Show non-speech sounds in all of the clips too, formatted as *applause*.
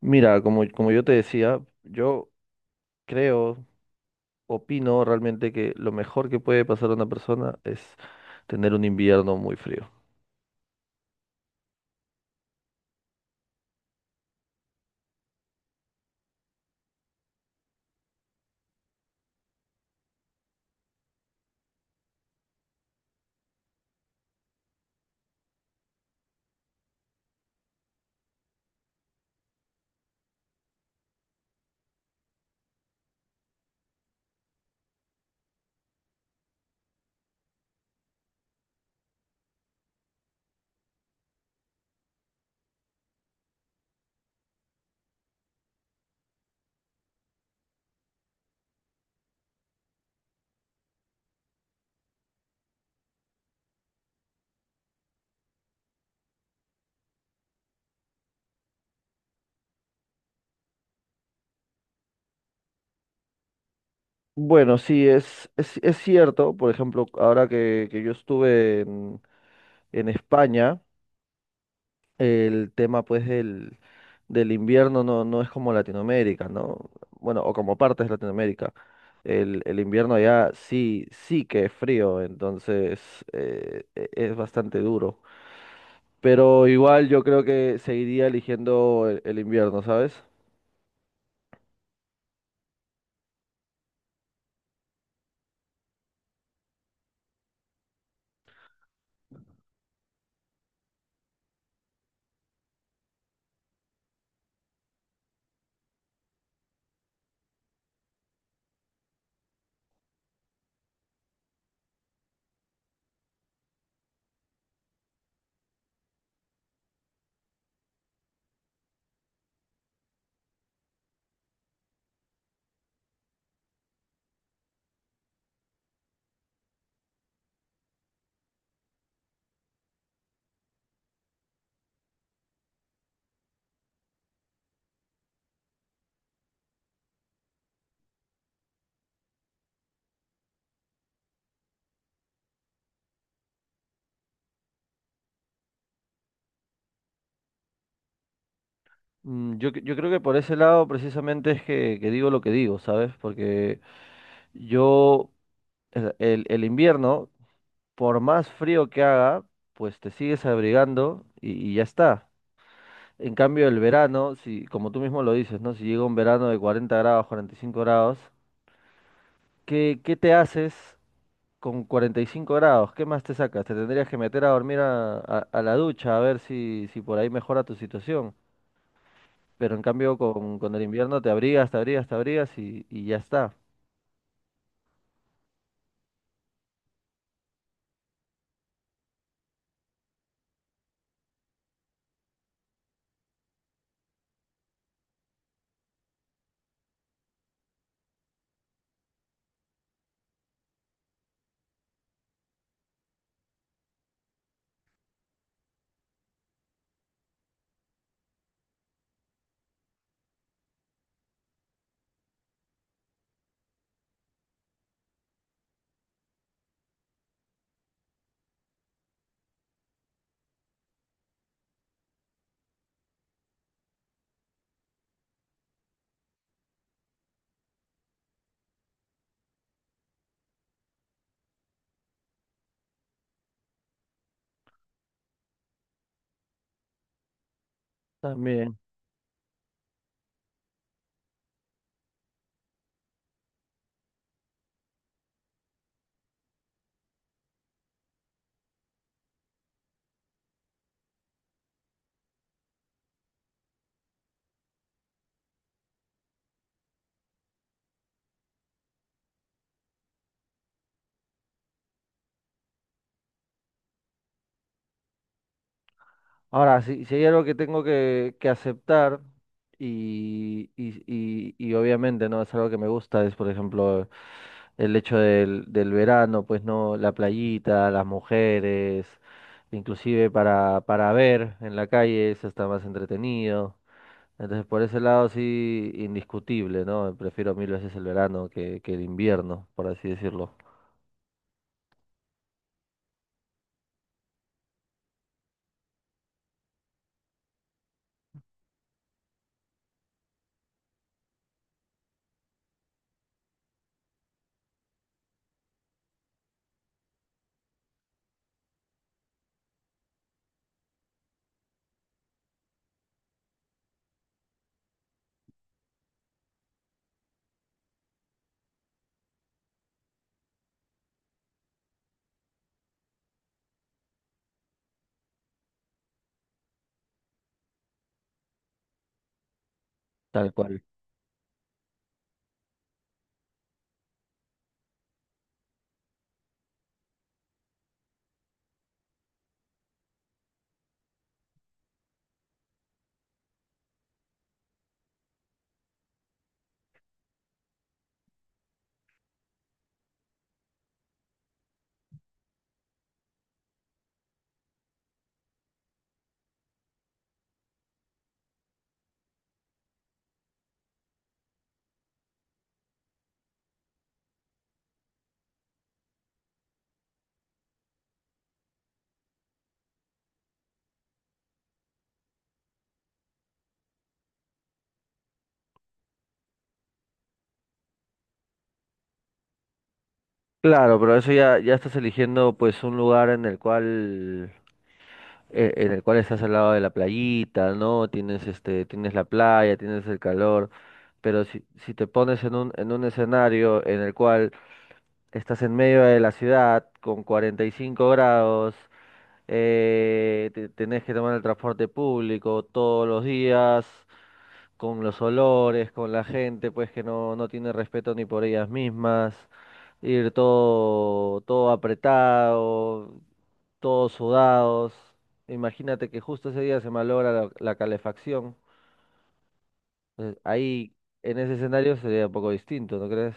Mira, como yo te decía, creo, opino realmente que lo mejor que puede pasar a una persona es tener un invierno muy frío. Bueno, sí, es cierto. Por ejemplo, ahora que yo estuve en España, el tema pues del invierno no, no es como Latinoamérica, ¿no? Bueno, o como partes de Latinoamérica. El invierno allá sí, sí que es frío, entonces es bastante duro. Pero igual yo creo que seguiría eligiendo el invierno, ¿sabes? Mm. Yo creo que por ese lado precisamente es que digo lo que digo, ¿sabes? Porque yo, el invierno, por más frío que haga, pues te sigues abrigando y ya está. En cambio, el verano, si, como tú mismo lo dices, ¿no? Si llega un verano de 40 grados, 45 grados, ¿qué, qué te haces? Con 45 grados, ¿qué más te sacas? Te tendrías que meter a dormir a, a la ducha a ver si, si por ahí mejora tu situación. Pero en cambio con el invierno te abrigas, te abrigas, te abrigas y ya está. También. Ahora, si, si hay algo que tengo que aceptar y, y obviamente no es algo que me gusta, es por ejemplo el hecho del verano, pues no, la playita, las mujeres, inclusive para ver en la calle es hasta más entretenido. Entonces, por ese lado, sí, indiscutible, ¿no? Prefiero mil veces el verano que el invierno, por así decirlo. Tal cual. Claro, pero eso ya, ya estás eligiendo, pues, un lugar en el cual estás al lado de la playita, ¿no? Tienes, este, tienes la playa, tienes el calor. Pero si, si te pones en un escenario en el cual estás en medio de la ciudad con 45 grados, tenés que tomar el transporte público todos los días con los olores, con la gente, pues que no, no tiene respeto ni por ellas mismas, ir todo, todo apretado, todos sudados. Imagínate que justo ese día se malogra la calefacción. Entonces, ahí, en ese escenario sería un poco distinto, ¿no crees?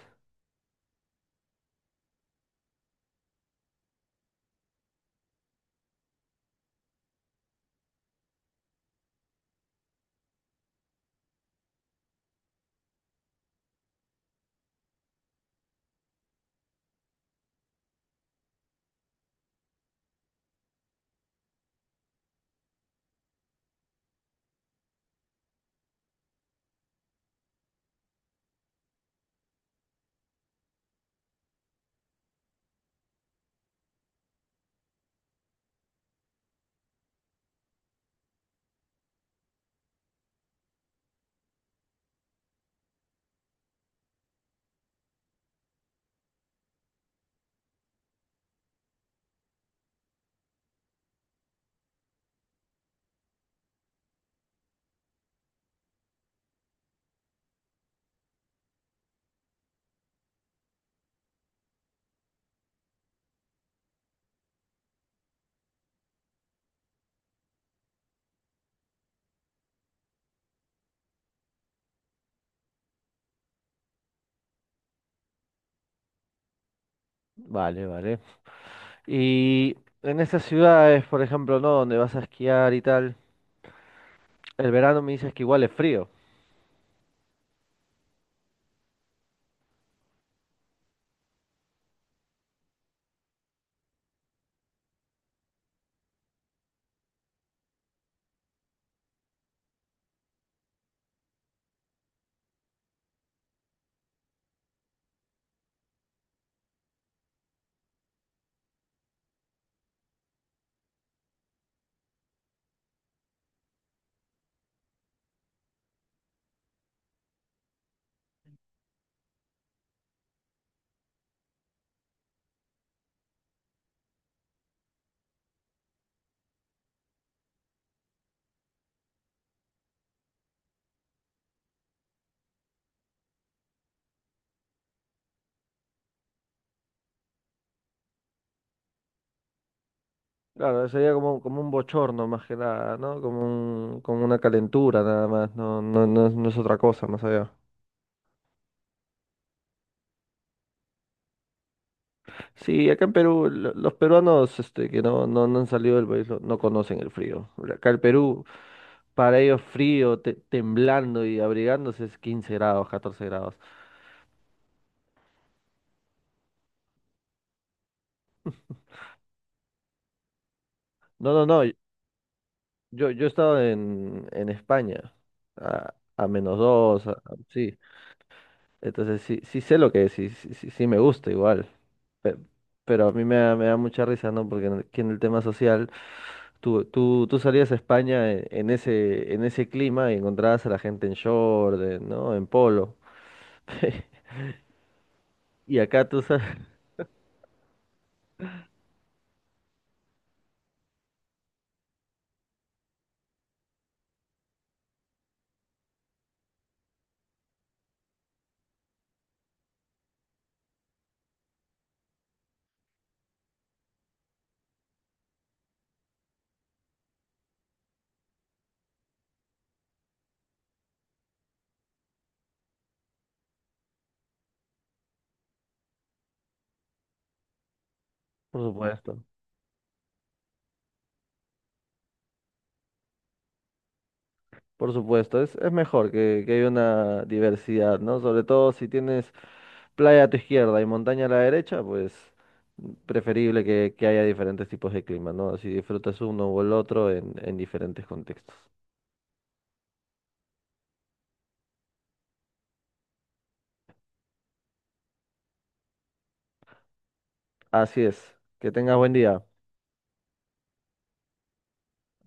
Vale, vale. Y en estas ciudades, por ejemplo, ¿no? Donde vas a esquiar y tal, el verano me dices que igual es frío. Claro, sería como, como un bochorno más que nada, ¿no? Como un, como una calentura nada más, no, no, no, es no es otra cosa más allá. Sí, acá en Perú, los peruanos este, que no, no, no han salido del país no conocen el frío. Acá el Perú, para ellos frío, temblando y abrigándose es 15 grados, 14 grados. No, no, no, yo he estado en España, a menos dos, sí. Entonces sí, sí sé lo que es, sí, sí, sí sí me gusta igual. Pe- Pero a mí me da mucha risa, ¿no? Porque en el, que en el tema social, tú salías a España en ese clima y encontrabas a la gente en short, en- ¿no? En polo. Y acá tú sabes. *laughs* Por supuesto, por supuesto, es mejor que haya una diversidad, ¿no? Sobre todo si tienes playa a tu izquierda y montaña a la derecha, pues preferible que haya diferentes tipos de clima, ¿no? Así disfrutas uno o el otro en diferentes contextos. Así es, que tengas buen día.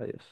Adiós.